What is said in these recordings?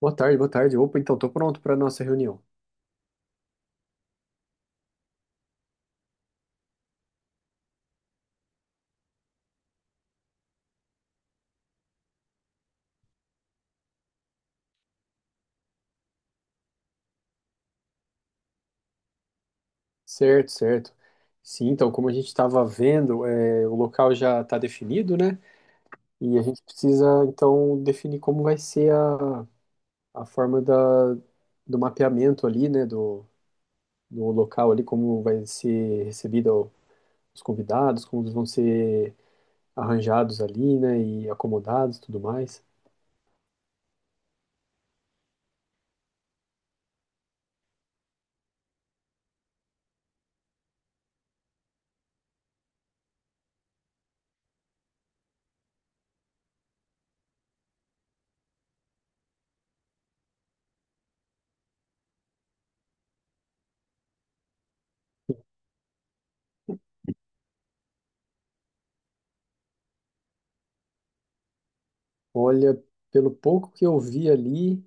Boa tarde, boa tarde. Opa, então, estou pronto para a nossa reunião. Certo, certo. Sim, então, como a gente estava vendo, o local já está definido, né? E a gente precisa, então, definir como vai ser a forma do mapeamento ali, né? Do local ali, como vai ser recebido os convidados, como eles vão ser arranjados ali, né? E acomodados e tudo mais. Olha, pelo pouco que eu vi ali,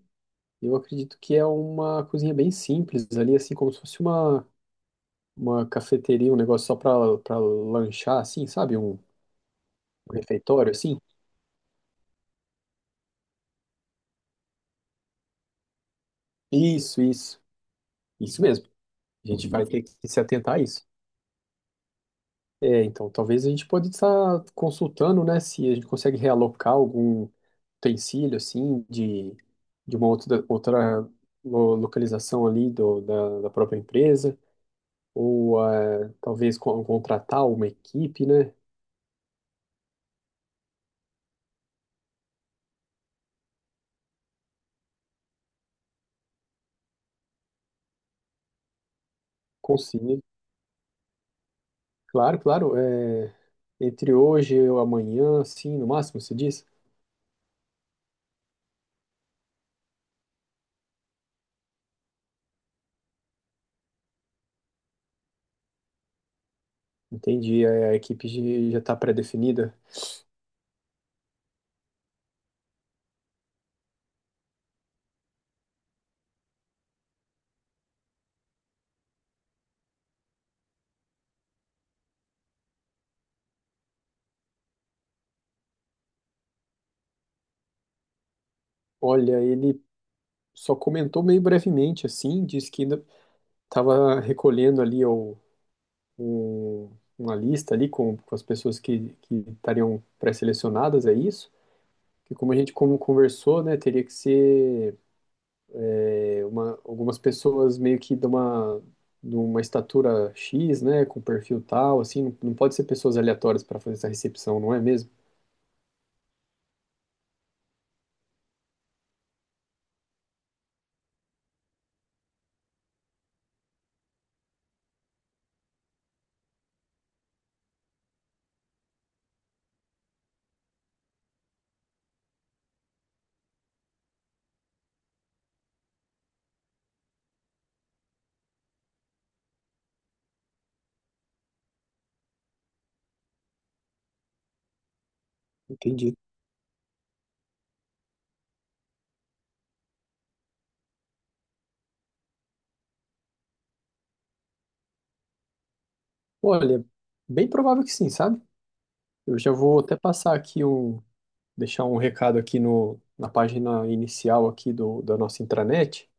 eu acredito que é uma cozinha bem simples ali, assim como se fosse uma cafeteria, um negócio só pra lanchar, assim, sabe? Um refeitório, assim. Isso, isso. Isso mesmo. A gente vai ter que se atentar a isso. É, então, talvez a gente pode estar consultando, né? Se a gente consegue realocar algum utensílio, assim, de uma outra localização ali da própria empresa. Ou talvez contratar uma equipe, né? Conseguir. Claro, claro. Entre hoje e amanhã, assim, no máximo, se diz? Entendi, a equipe já está pré-definida. Olha, ele só comentou meio brevemente, assim, disse que ainda estava recolhendo ali o- uma lista ali com as pessoas que estariam pré-selecionadas, é isso? Que como a gente como conversou, né, teria que ser algumas pessoas meio que de de uma estatura X, né, com perfil tal, assim, não, não pode ser pessoas aleatórias para fazer essa recepção, não é mesmo? Entendi. Olha, bem provável que sim, sabe? Eu já vou até passar deixar um recado aqui no, na página inicial aqui da nossa intranet,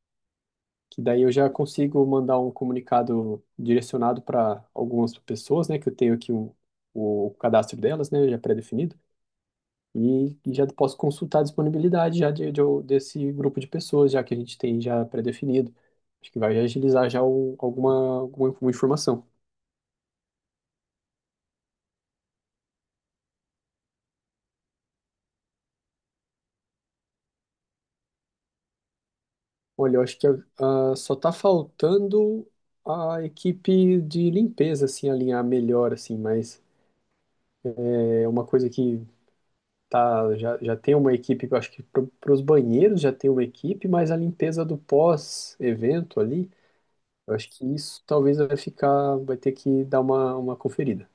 que daí eu já consigo mandar um comunicado direcionado para algumas pessoas, né, que eu tenho aqui o cadastro delas, né, já pré-definido, e, já posso consultar a disponibilidade já desse grupo de pessoas, já que a gente tem já pré-definido. Acho que vai agilizar já alguma informação. Olha, eu acho que só tá faltando a equipe de limpeza, assim, alinhar melhor, assim, mas é uma coisa que tá, já, já tem uma equipe, eu acho que para os banheiros já tem uma equipe, mas a limpeza do pós-evento ali, eu acho que isso talvez vai ficar, vai ter que dar uma conferida.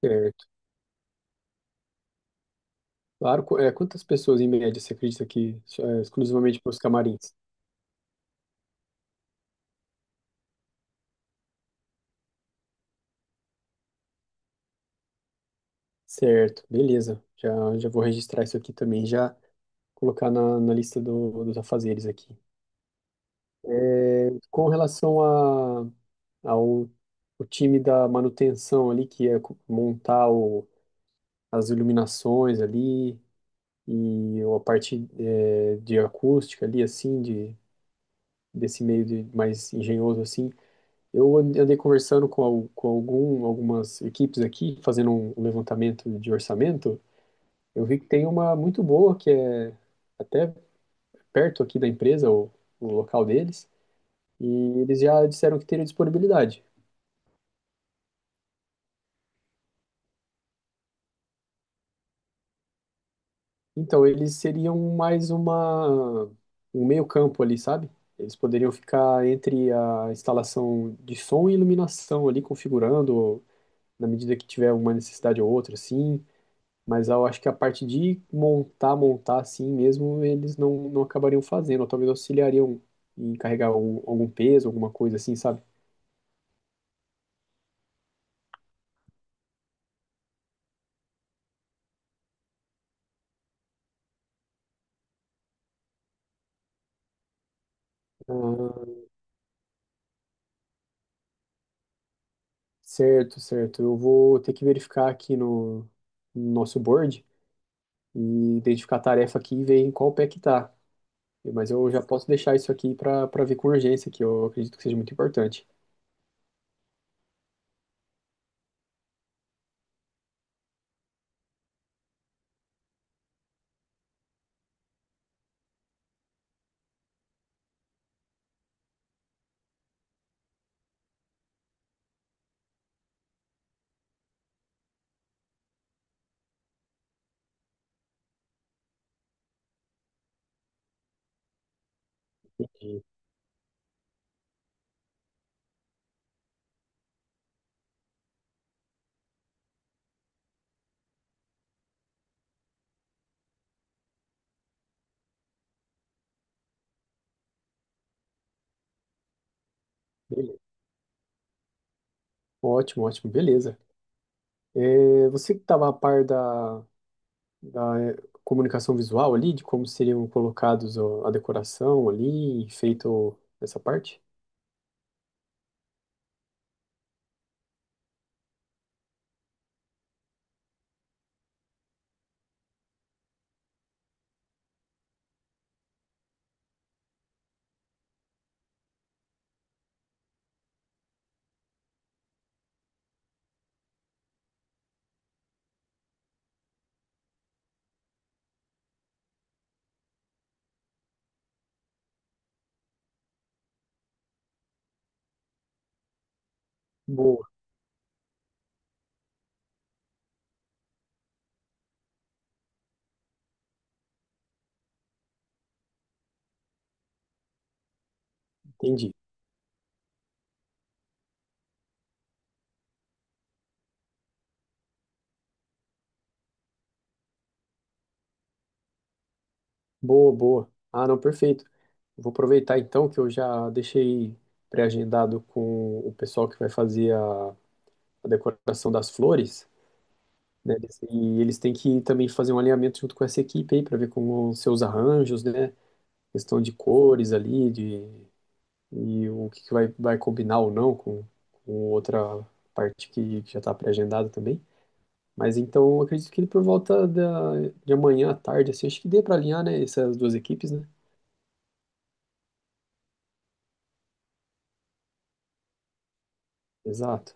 Certo. Claro, quantas pessoas em média você acredita que é, exclusivamente para os camarins? Certo, beleza. Já, já vou registrar isso aqui também, já colocar na lista dos afazeres aqui. Com relação ao o time da manutenção ali, que é montar as iluminações ali e a parte de acústica ali, assim, desse meio de mais engenhoso assim. Eu andei conversando com algumas equipes aqui, fazendo um levantamento de orçamento. Eu vi que tem uma muito boa, que é até perto aqui da empresa, o local deles. E eles já disseram que teriam disponibilidade. Então, eles seriam mais um meio-campo ali, sabe? Eles poderiam ficar entre a instalação de som e iluminação ali, configurando na medida que tiver uma necessidade ou outra, sim. Mas eu acho que a parte de montar, montar assim mesmo, eles não, não acabariam fazendo, ou talvez auxiliariam em carregar algum peso, alguma coisa assim, sabe? Ah, certo, certo. Eu vou ter que verificar aqui no nosso board e identificar a tarefa aqui e ver em qual pé que tá. Mas eu já posso deixar isso aqui para ver com urgência, que eu acredito que seja muito importante. E, Beleza. Ótimo, ótimo, beleza. É, você que estava a par da comunicação visual ali, de como seriam colocados ó, a decoração ali, feito essa parte? Boa, entendi. Boa, boa. Ah, não, perfeito. Vou aproveitar então que eu já deixei pré-agendado com o pessoal que vai fazer a decoração das flores. Né? E eles têm que também fazer um alinhamento junto com essa equipe aí para ver como os seus arranjos, né? Questão de cores ali, de e o que que vai, vai combinar ou não com outra parte que já está pré-agendada também. Mas então eu acredito que por volta de amanhã à tarde, assim, acho que dê para alinhar, né, essas duas equipes, né? Exato.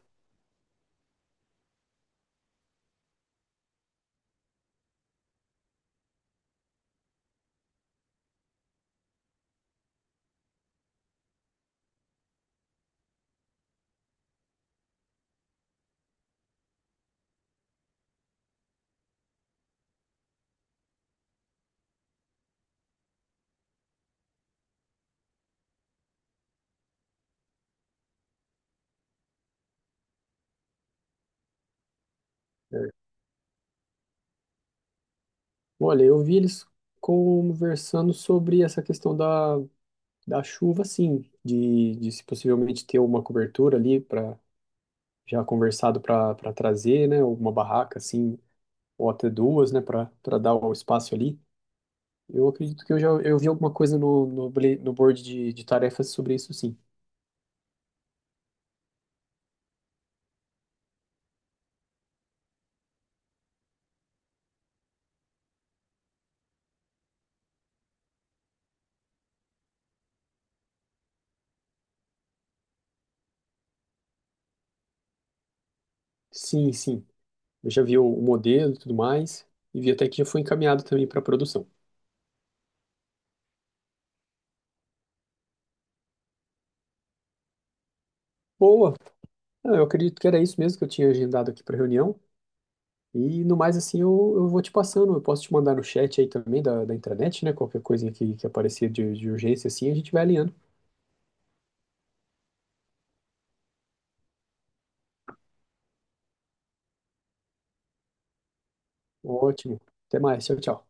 Olha, eu vi eles conversando sobre essa questão da chuva, sim, de se possivelmente ter uma cobertura ali para já conversado para trazer, né, uma barraca assim, ou até duas, né, para dar o espaço ali. Eu acredito que eu já eu vi alguma coisa no board de tarefas sobre isso, sim. Sim, sim. Eu já vi o modelo e tudo mais, e vi até que já foi encaminhado também para produção. Boa! Ah, eu acredito que era isso mesmo que eu tinha agendado aqui para reunião. E no mais, assim, eu vou te passando. Eu posso te mandar no chat aí também da intranet, né? Qualquer coisinha que aparecer de urgência, assim, a gente vai alinhando. Ótimo. Até mais. Tchau, tchau.